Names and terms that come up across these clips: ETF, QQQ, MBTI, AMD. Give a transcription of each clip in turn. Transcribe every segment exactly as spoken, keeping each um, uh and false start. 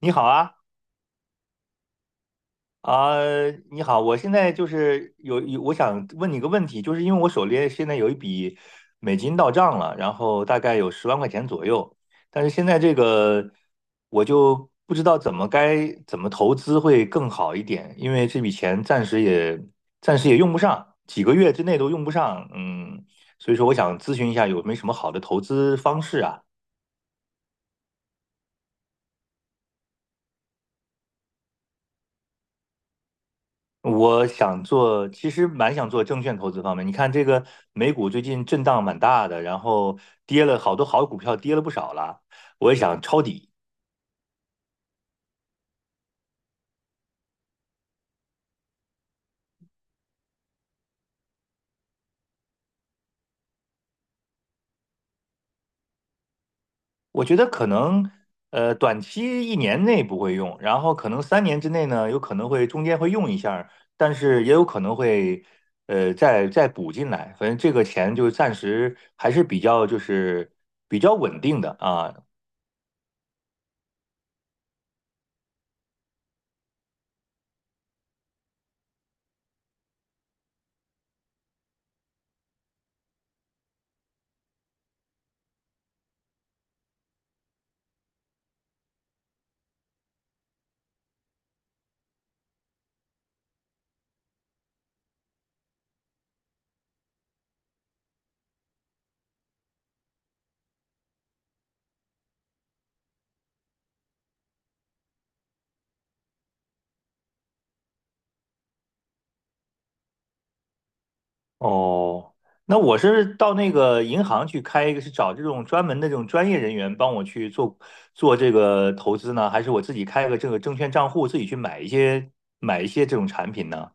你好啊，啊、你好，我现在就是有有，我想问你个问题，就是因为我手里现在有一笔美金到账了，然后大概有十万块钱左右，但是现在这个我就不知道怎么该怎么投资会更好一点，因为这笔钱暂时也暂时也用不上，几个月之内都用不上，嗯，所以说我想咨询一下有没有什么好的投资方式啊？我想做，其实蛮想做证券投资方面。你看这个美股最近震荡蛮大的，然后跌了好多好股票，跌了不少了。我也想抄底。我觉得可能呃短期一年内不会用，然后可能三年之内呢，有可能会中间会用一下儿，但是也有可能会呃再再补进来。反正这个钱就暂时还是比较就是比较稳定的啊。哦，那我是到那个银行去开一个，是找这种专门的这种专业人员帮我去做做这个投资呢，还是我自己开个这个证券账户，自己去买一些买一些这种产品呢？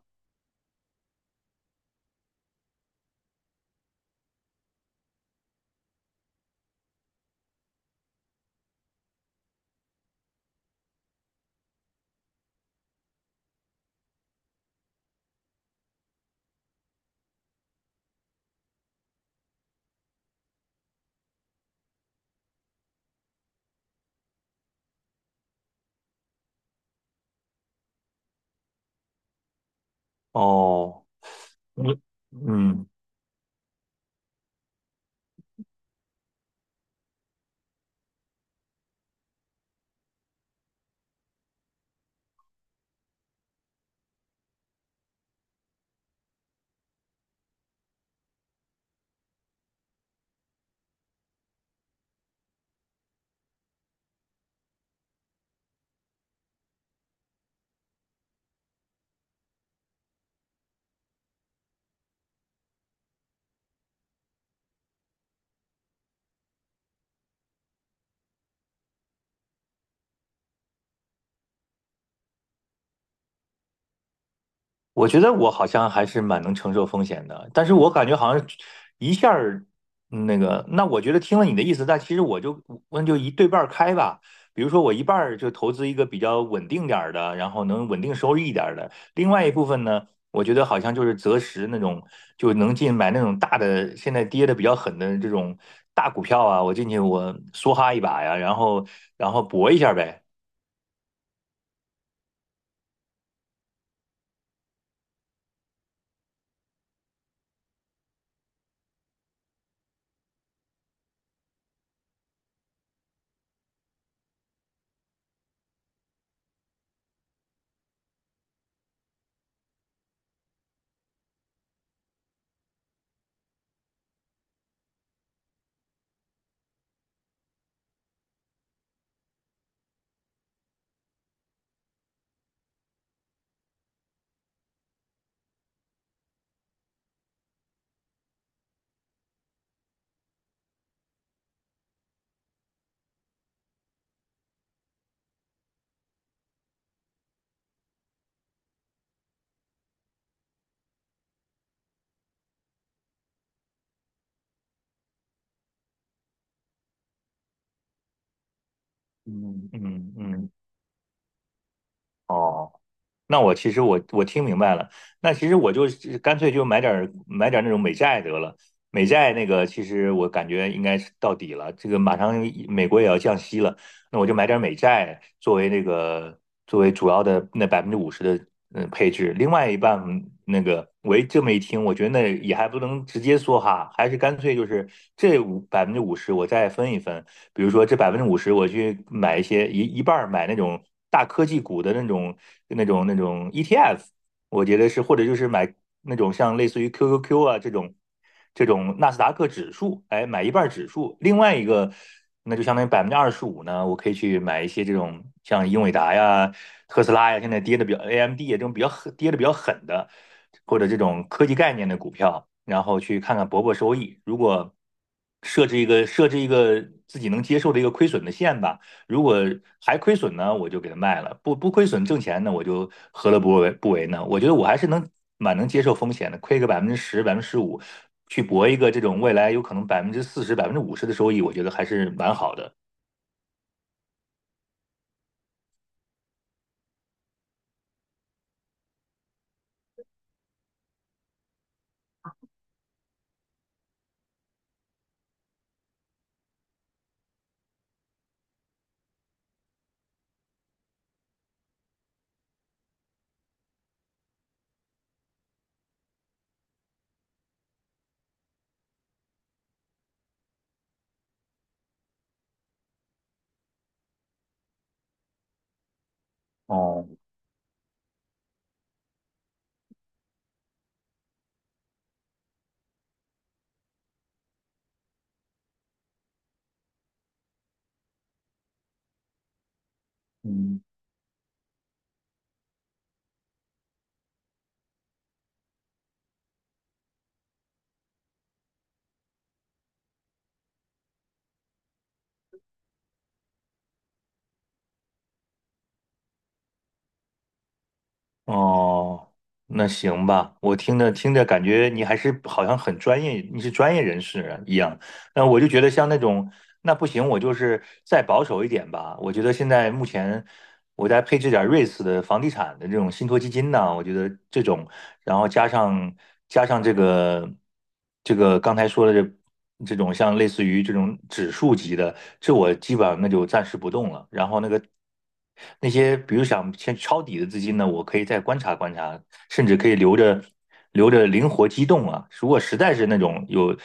哦，嗯嗯，我觉得我好像还是蛮能承受风险的，但是我感觉好像一下儿嗯那个，那我觉得听了你的意思，但其实我就那就一对半儿开吧。比如说我一半儿就投资一个比较稳定点儿的，然后能稳定收益一点儿的，另外一部分呢，我觉得好像就是择时那种就能进买那种大的，现在跌的比较狠的这种大股票啊，我进去我梭哈一把呀，然后然后搏一下呗。嗯，嗯嗯，哦。那我其实我我听明白了，那其实我就干脆就买点儿买点儿那种美债得了。美债那个其实我感觉应该是到底了，这个马上美国也要降息了，那我就买点美债作为那个作为主要的那百分之五十的嗯配置，另外一半那个我一这么一听，我觉得那也还不能直接说哈，还是干脆就是这五百分之五十我再分一分，比如说这百分之五十我去买一些一一半儿买那种大科技股的那种那种那种 E T F。我觉得是，或者就是买那种像类似于 Q Q Q 啊这种这种纳斯达克指数，哎，买一半儿指数，另外一个那就相当于百分之二十五呢，我可以去买一些这种像英伟达呀、特斯拉呀，现在跌的比较 A M D 呀这种比较狠跌的比较狠的，或者这种科技概念的股票，然后去看看博博收益。如果设置一个设置一个自己能接受的一个亏损的线吧。如果还亏损呢，我就给它卖了；不不亏损挣钱呢，我就何乐不为不为呢？我觉得我还是能蛮能接受风险的，亏个百分之十、百分之十五，去搏一个这种未来有可能百分之四十、百分之五十的收益，我觉得还是蛮好的。哦，嗯，哦，那行吧，我听着听着感觉你还是好像很专业，你是专业人士啊一样。那我就觉得像那种，那不行，我就是再保守一点吧。我觉得现在目前我再配置点瑞士的房地产的这种信托基金呢，我觉得这种然后加上加上这个这个刚才说的这这种像类似于这种指数级的，这我基本上那就暂时不动了。然后那个那些比如想先抄底的资金呢，我可以再观察观察，甚至可以留着留着灵活机动啊。如果实在是那种有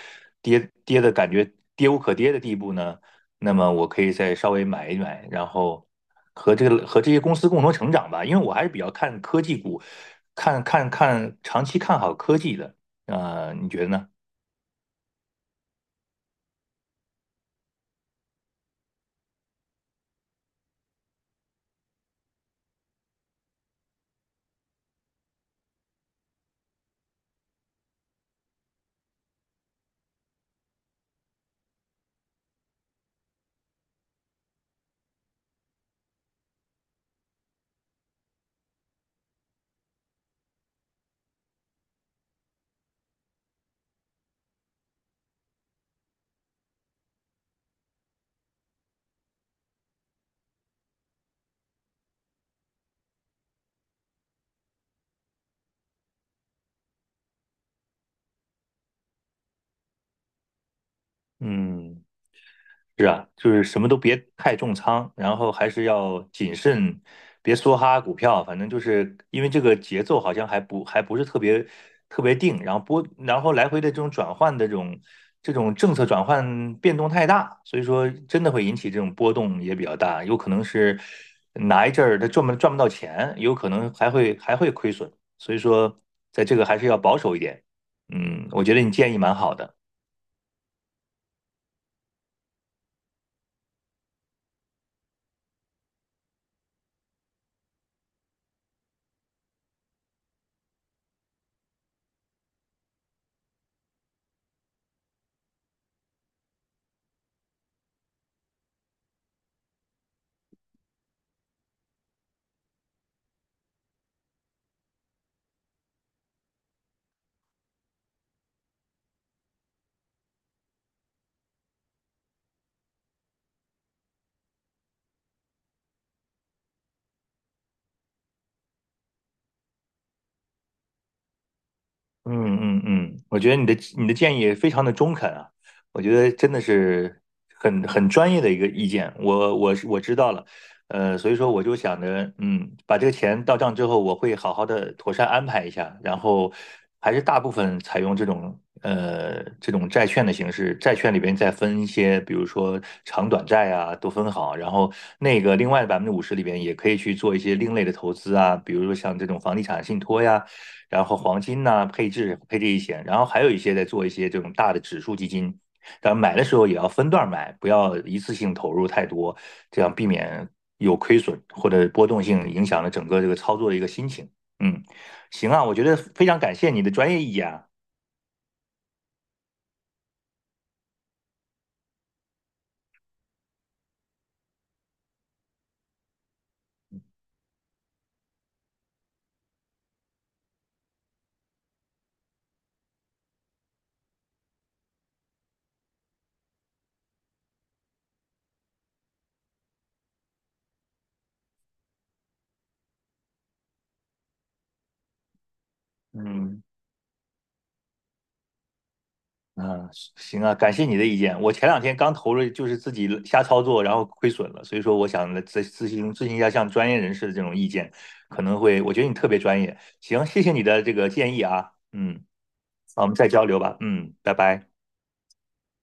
跌跌的感觉，跌无可跌的地步呢，那么我可以再稍微买一买，然后和这个和这些公司共同成长吧，因为我还是比较看科技股，看看看长期看好科技的。啊，你觉得呢？嗯。是啊，就是什么都别太重仓，然后还是要谨慎，别梭哈股票。反正就是因为这个节奏好像还不还不是特别特别定，然后波然后来回的这种转换的这种这种政策转换变动太大，所以说真的会引起这种波动也比较大，有可能是哪一阵儿它赚不赚不到钱，有可能还会还会亏损。所以说，在这个还是要保守一点。嗯，我觉得你建议蛮好的。嗯嗯嗯，我觉得你的你的建议非常的中肯啊，我觉得真的是很很专业的一个意见，我我是我知道了。呃，所以说我就想着，嗯，把这个钱到账之后，我会好好的妥善安排一下，然后还是大部分采用这种呃这种债券的形式，债券里边再分一些，比如说长短债啊，都分好，然后那个另外的百分之五十里边也可以去做一些另类的投资啊，比如说像这种房地产信托呀。然后黄金呐、啊配置配置一些，然后还有一些在做一些这种大的指数基金。当然买的时候也要分段买，不要一次性投入太多，这样避免有亏损或者波动性影响了整个这个操作的一个心情。嗯，行啊，我觉得非常感谢你的专业意见啊。嗯。嗯，行啊，感谢你的意见。我前两天刚投了，就是自己瞎操作，然后亏损了，所以说我想来咨咨询咨询一下像专业人士的这种意见，可能会，我觉得你特别专业。行，谢谢你的这个建议啊，嗯，好，我们再交流吧，嗯，拜拜。